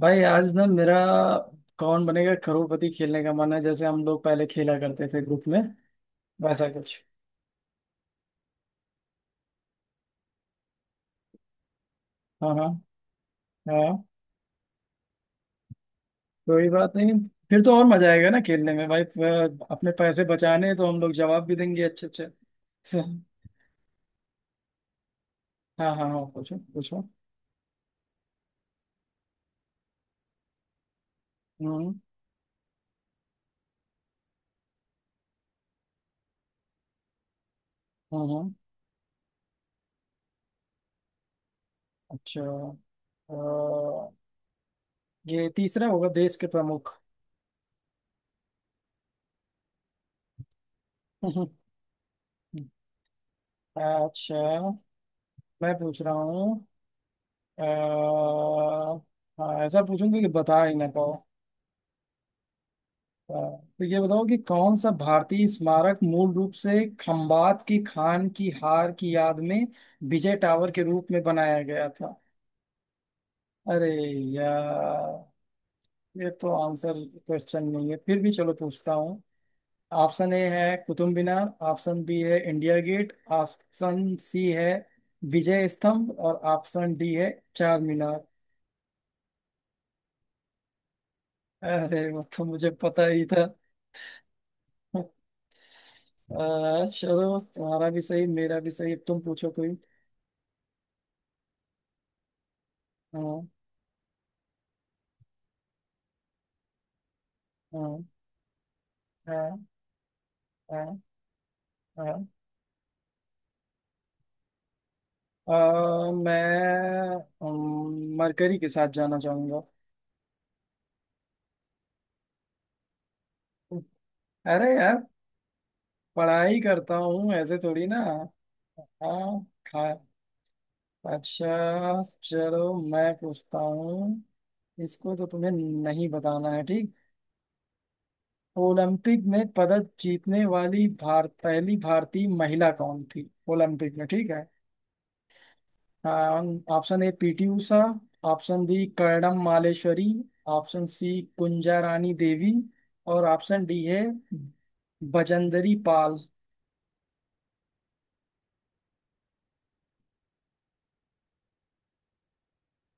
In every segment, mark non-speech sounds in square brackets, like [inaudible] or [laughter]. भाई आज ना मेरा कौन बनेगा करोड़पति खेलने का मन है, जैसे हम लोग पहले खेला करते थे ग्रुप में वैसा कुछ। हाँ हाँ हाँ, कोई बात नहीं। फिर तो और मजा आएगा ना खेलने में भाई। अपने पैसे बचाने हैं, तो हम लोग जवाब भी देंगे अच्छे अच्छे। [laughs] हाँ हाँ हाँ, पूछो पूछो। हम्म। हम्म। हम्म। अच्छा। अ, ये तीसरा होगा, देश के प्रमुख। [laughs] अच्छा, मैं पूछ रहा हूँ। अ, हाँ, ऐसा पूछूंगी कि बता ही ना पाओ। तो ये बताओ कि कौन सा भारतीय स्मारक मूल रूप से खंबात की खान की हार की याद में विजय टावर के रूप में बनाया गया था। अरे यार, ये तो आंसर, क्वेश्चन नहीं है, फिर भी चलो पूछता हूँ। ऑप्शन ए है कुतुब मीनार, ऑप्शन बी है इंडिया गेट, ऑप्शन सी है विजय स्तंभ, और ऑप्शन डी है चार मीनार। अरे, वो तो मुझे पता ही था। [laughs] चलो, तुम्हारा भी सही मेरा भी सही, अब तुम पूछो कोई। हाँ। हाँ। हाँ। हाँ। हाँ। अ, मैं मरकरी के साथ जाना चाहूंगा। अरे यार, पढ़ाई करता हूँ ऐसे थोड़ी ना। हाँ खा। अच्छा चलो, मैं पूछता हूँ। इसको तो तुम्हें नहीं बताना है, ठीक। ओलंपिक में पदक जीतने वाली पहली भारतीय महिला कौन थी ओलंपिक में, ठीक है। Option A PT Usha, option B Karnam Malleswari, option C Kunjarani Devi, और ऑप्शन डी है बजंदरी पाल।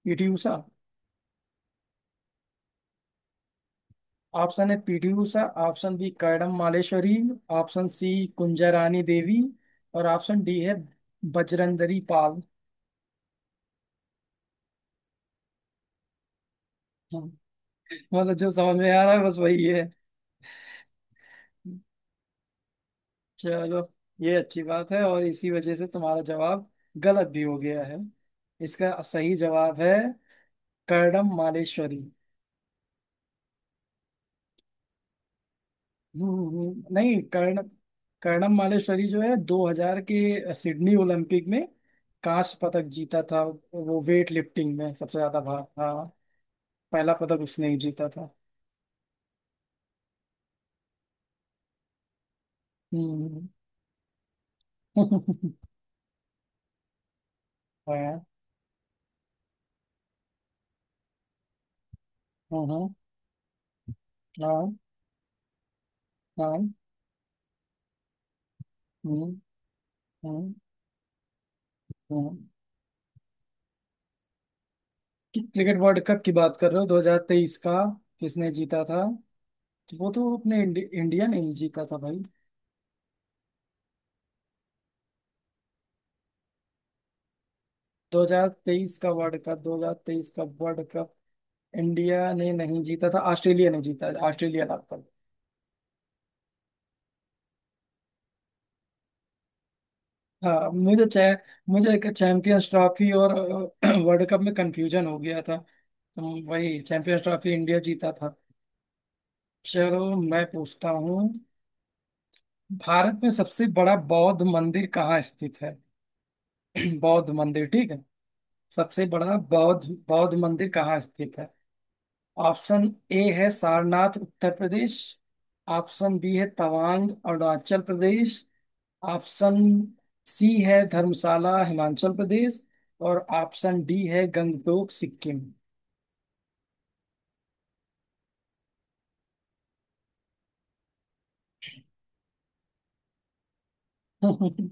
पीटी उषा। ऑप्शन है PT Usha, option B Karnam Malleswari, option C Kunjarani Devi, और ऑप्शन डी है बजरंदरी पाल। हाँ, मतलब जो समझ में आ रहा है बस वही है। चलो, ये अच्छी बात है, और इसी वजह से तुम्हारा जवाब गलत भी हो गया है। इसका सही जवाब है कर्णम मालेश्वरी। हम्म। हम्म। हम्म। नहीं, कर्णम मालेश्वरी जो है 2000 के सिडनी ओलंपिक में कांस्य पदक जीता था, वो वेट लिफ्टिंग में सबसे ज्यादा भाग। हाँ, पहला पदक उसने ही जीता था। हम्म। [laughs] हाँ। हाँ। हाँ। हाँ। हम्म। हम्म। हम्म। क्रिकेट वर्ल्ड कप की बात कर रहे हो, 2023 का, किसने जीता था। तो वो तो अपने इंडिया ने ही जीता था भाई। 2023 का वर्ल्ड कप, 2023 का वर्ल्ड कप इंडिया ने नहीं जीता था, ऑस्ट्रेलिया ने जीता है, ऑस्ट्रेलिया लाभ पर। हाँ, मुझे एक चैंपियंस ट्रॉफी और [clears throat] वर्ल्ड कप में कंफ्यूजन हो गया था, तो वही चैंपियंस ट्रॉफी इंडिया जीता था। चलो, मैं पूछता हूँ। भारत में सबसे बड़ा बौद्ध मंदिर कहाँ स्थित है। [clears throat] बौद्ध मंदिर, ठीक है। सबसे बड़ा बौद्ध बौद्ध मंदिर कहाँ स्थित है। ऑप्शन ए है सारनाथ उत्तर प्रदेश, ऑप्शन बी है तवांग अरुणाचल प्रदेश, ऑप्शन सी है धर्मशाला हिमाचल प्रदेश, और ऑप्शन डी है गंगटोक सिक्किम। [laughs]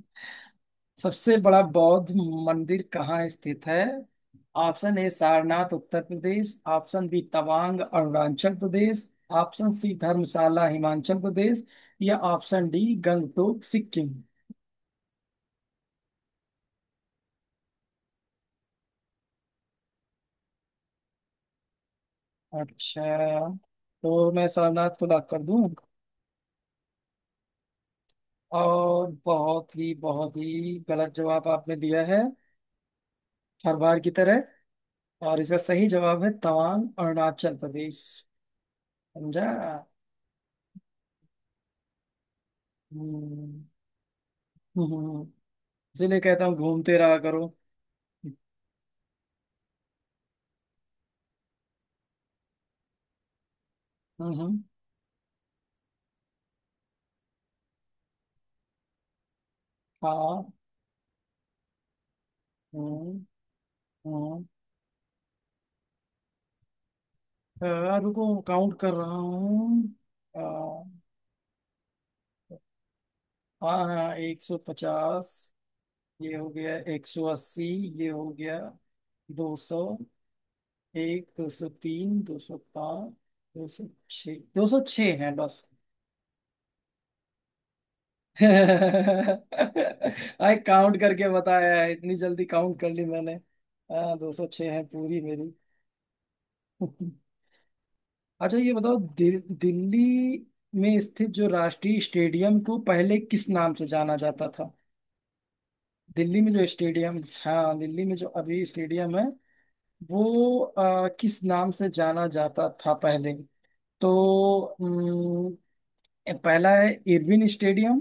सबसे बड़ा बौद्ध मंदिर कहाँ स्थित है। Option A Sarnath Uttar Pradesh, option B Tawang Arunachal Pradesh, option C Dharamshala Himachal Pradesh, या ऑप्शन डी गंगटोक सिक्किम। अच्छा, तो मैं सारनाथ को लॉक कर दूं। और बहुत ही गलत जवाब आपने दिया है, हर बार की तरह। और इसका सही जवाब है तवांग अरुणाचल प्रदेश। समझा। हम्म। हम्म। हम्म। हम्म। इसीलिए कहता हूँ, घूमते रहा करो। हम्म। हम्म। हाँ। हम्म। हम्म। रुको काउंट कर रहा हूँ। अ, हाँ हाँ, 150। ये हो गया 180। ये हो गया 201, 203, 205, 206। 206 है बस। [laughs] आई काउंट करके बताया है, इतनी जल्दी काउंट कर ली मैंने। हाँ, 206 है पूरी मेरी। [laughs] अच्छा, ये बताओ, दिल्ली में स्थित जो राष्ट्रीय स्टेडियम को पहले किस नाम से जाना जाता था। दिल्ली में जो स्टेडियम, हाँ दिल्ली में जो अभी स्टेडियम है, वो किस नाम से जाना जाता था पहले। तो अम, पहला है इरविन स्टेडियम,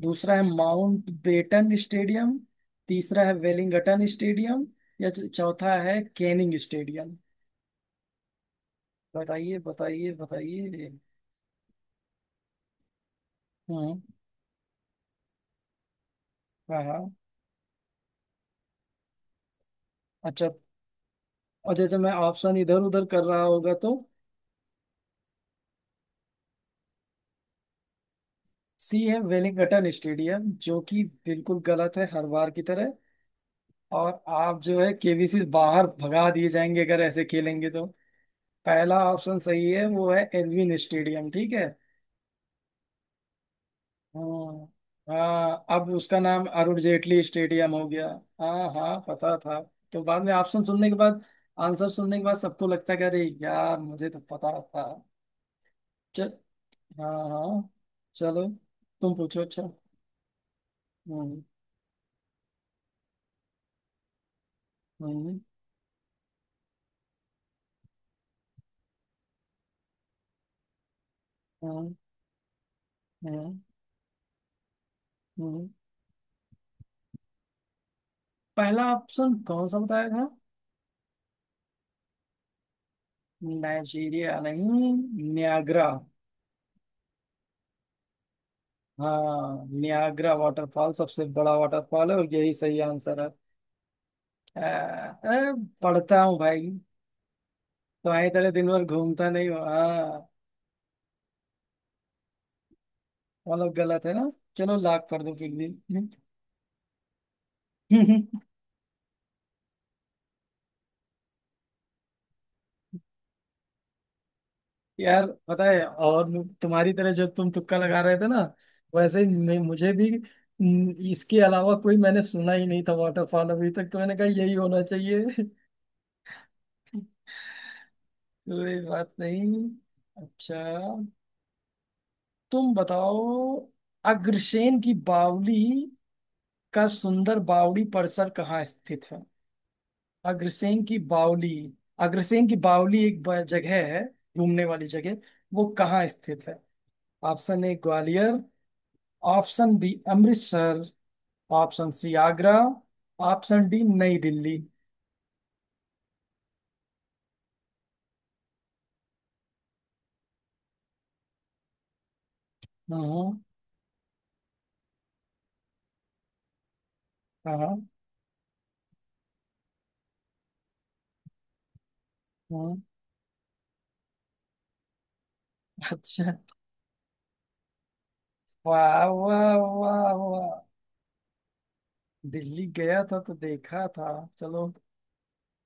दूसरा है माउंट बेटन स्टेडियम, तीसरा है वेलिंगटन स्टेडियम, या चौथा है कैनिंग स्टेडियम। बताइए बताइए बताइए। हम्म। हाँ हाँ। अच्छा। और जैसे मैं ऑप्शन इधर उधर कर रहा होगा तो सी है वेलिंगटन स्टेडियम, जो कि बिल्कुल गलत है, हर बार की तरह। और आप जो है केबीसी बाहर भगा दिए जाएंगे अगर ऐसे खेलेंगे तो। पहला ऑप्शन सही है, वो है एल्विन स्टेडियम, ठीक है। हाँ, हाँ, अब उसका नाम अरुण जेटली स्टेडियम हो गया। हाँ हाँ, पता था। तो बाद में ऑप्शन सुनने के बाद, आंसर सुनने के बाद, सबको लगता है कि अरे यार मुझे तो पता था। चल। हाँ हाँ। चलो, तुम पूछो अच्छा। हम्म। हम्म। हम्म। हम्म। हम्म। पहला ऑप्शन कौन सा बताया था। नाइजीरिया नहीं, नियाग्रा। हाँ, नियाग्रा वाटरफॉल सबसे बड़ा वाटरफॉल है, और यही सही आंसर है। अ, अ, पढ़ता हूँ भाई, तुम्हारी तरह दिन भर घूमता नहीं हो। हाँ। मतलब गलत है ना। चलो लाख कर दो फिर भी। [laughs] यार, पता है, और तुम्हारी तरह जब तुम तुक्का लगा रहे थे ना, वैसे ही मैं, मुझे भी न, इसके अलावा कोई मैंने सुना ही नहीं था वाटरफॉल अभी तक, तो मैंने कहा यही होना चाहिए। [laughs] कोई बात नहीं। अच्छा, तुम बताओ, अग्रसेन की बावली का सुंदर बावड़ी परिसर कहाँ स्थित है। अग्रसेन की बावली। अग्रसेन की बावली एक जगह है, घूमने वाली जगह। वो कहाँ स्थित है। Option A Gwalior, option B Amritsar, option C Agra, option D New Delhi. हम्म। हाँ। हम्म। अच्छा। वाह वाह। वाह वाह। दिल्ली गया था तो देखा था। चलो,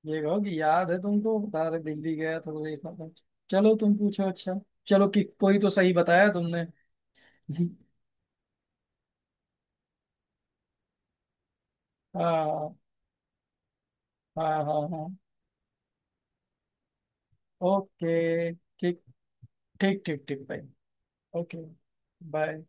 ये कहो कि याद है तुमको, बता रहे दिल्ली गया था तो देखा था। चलो, तुम पूछो अच्छा। चलो, कि कोई तो सही बताया तुमने। [laughs] हाँ हाँ हाँ हाँ। ओके ठीक। ठीक ठीक ठीक भाई। ओके। बाय।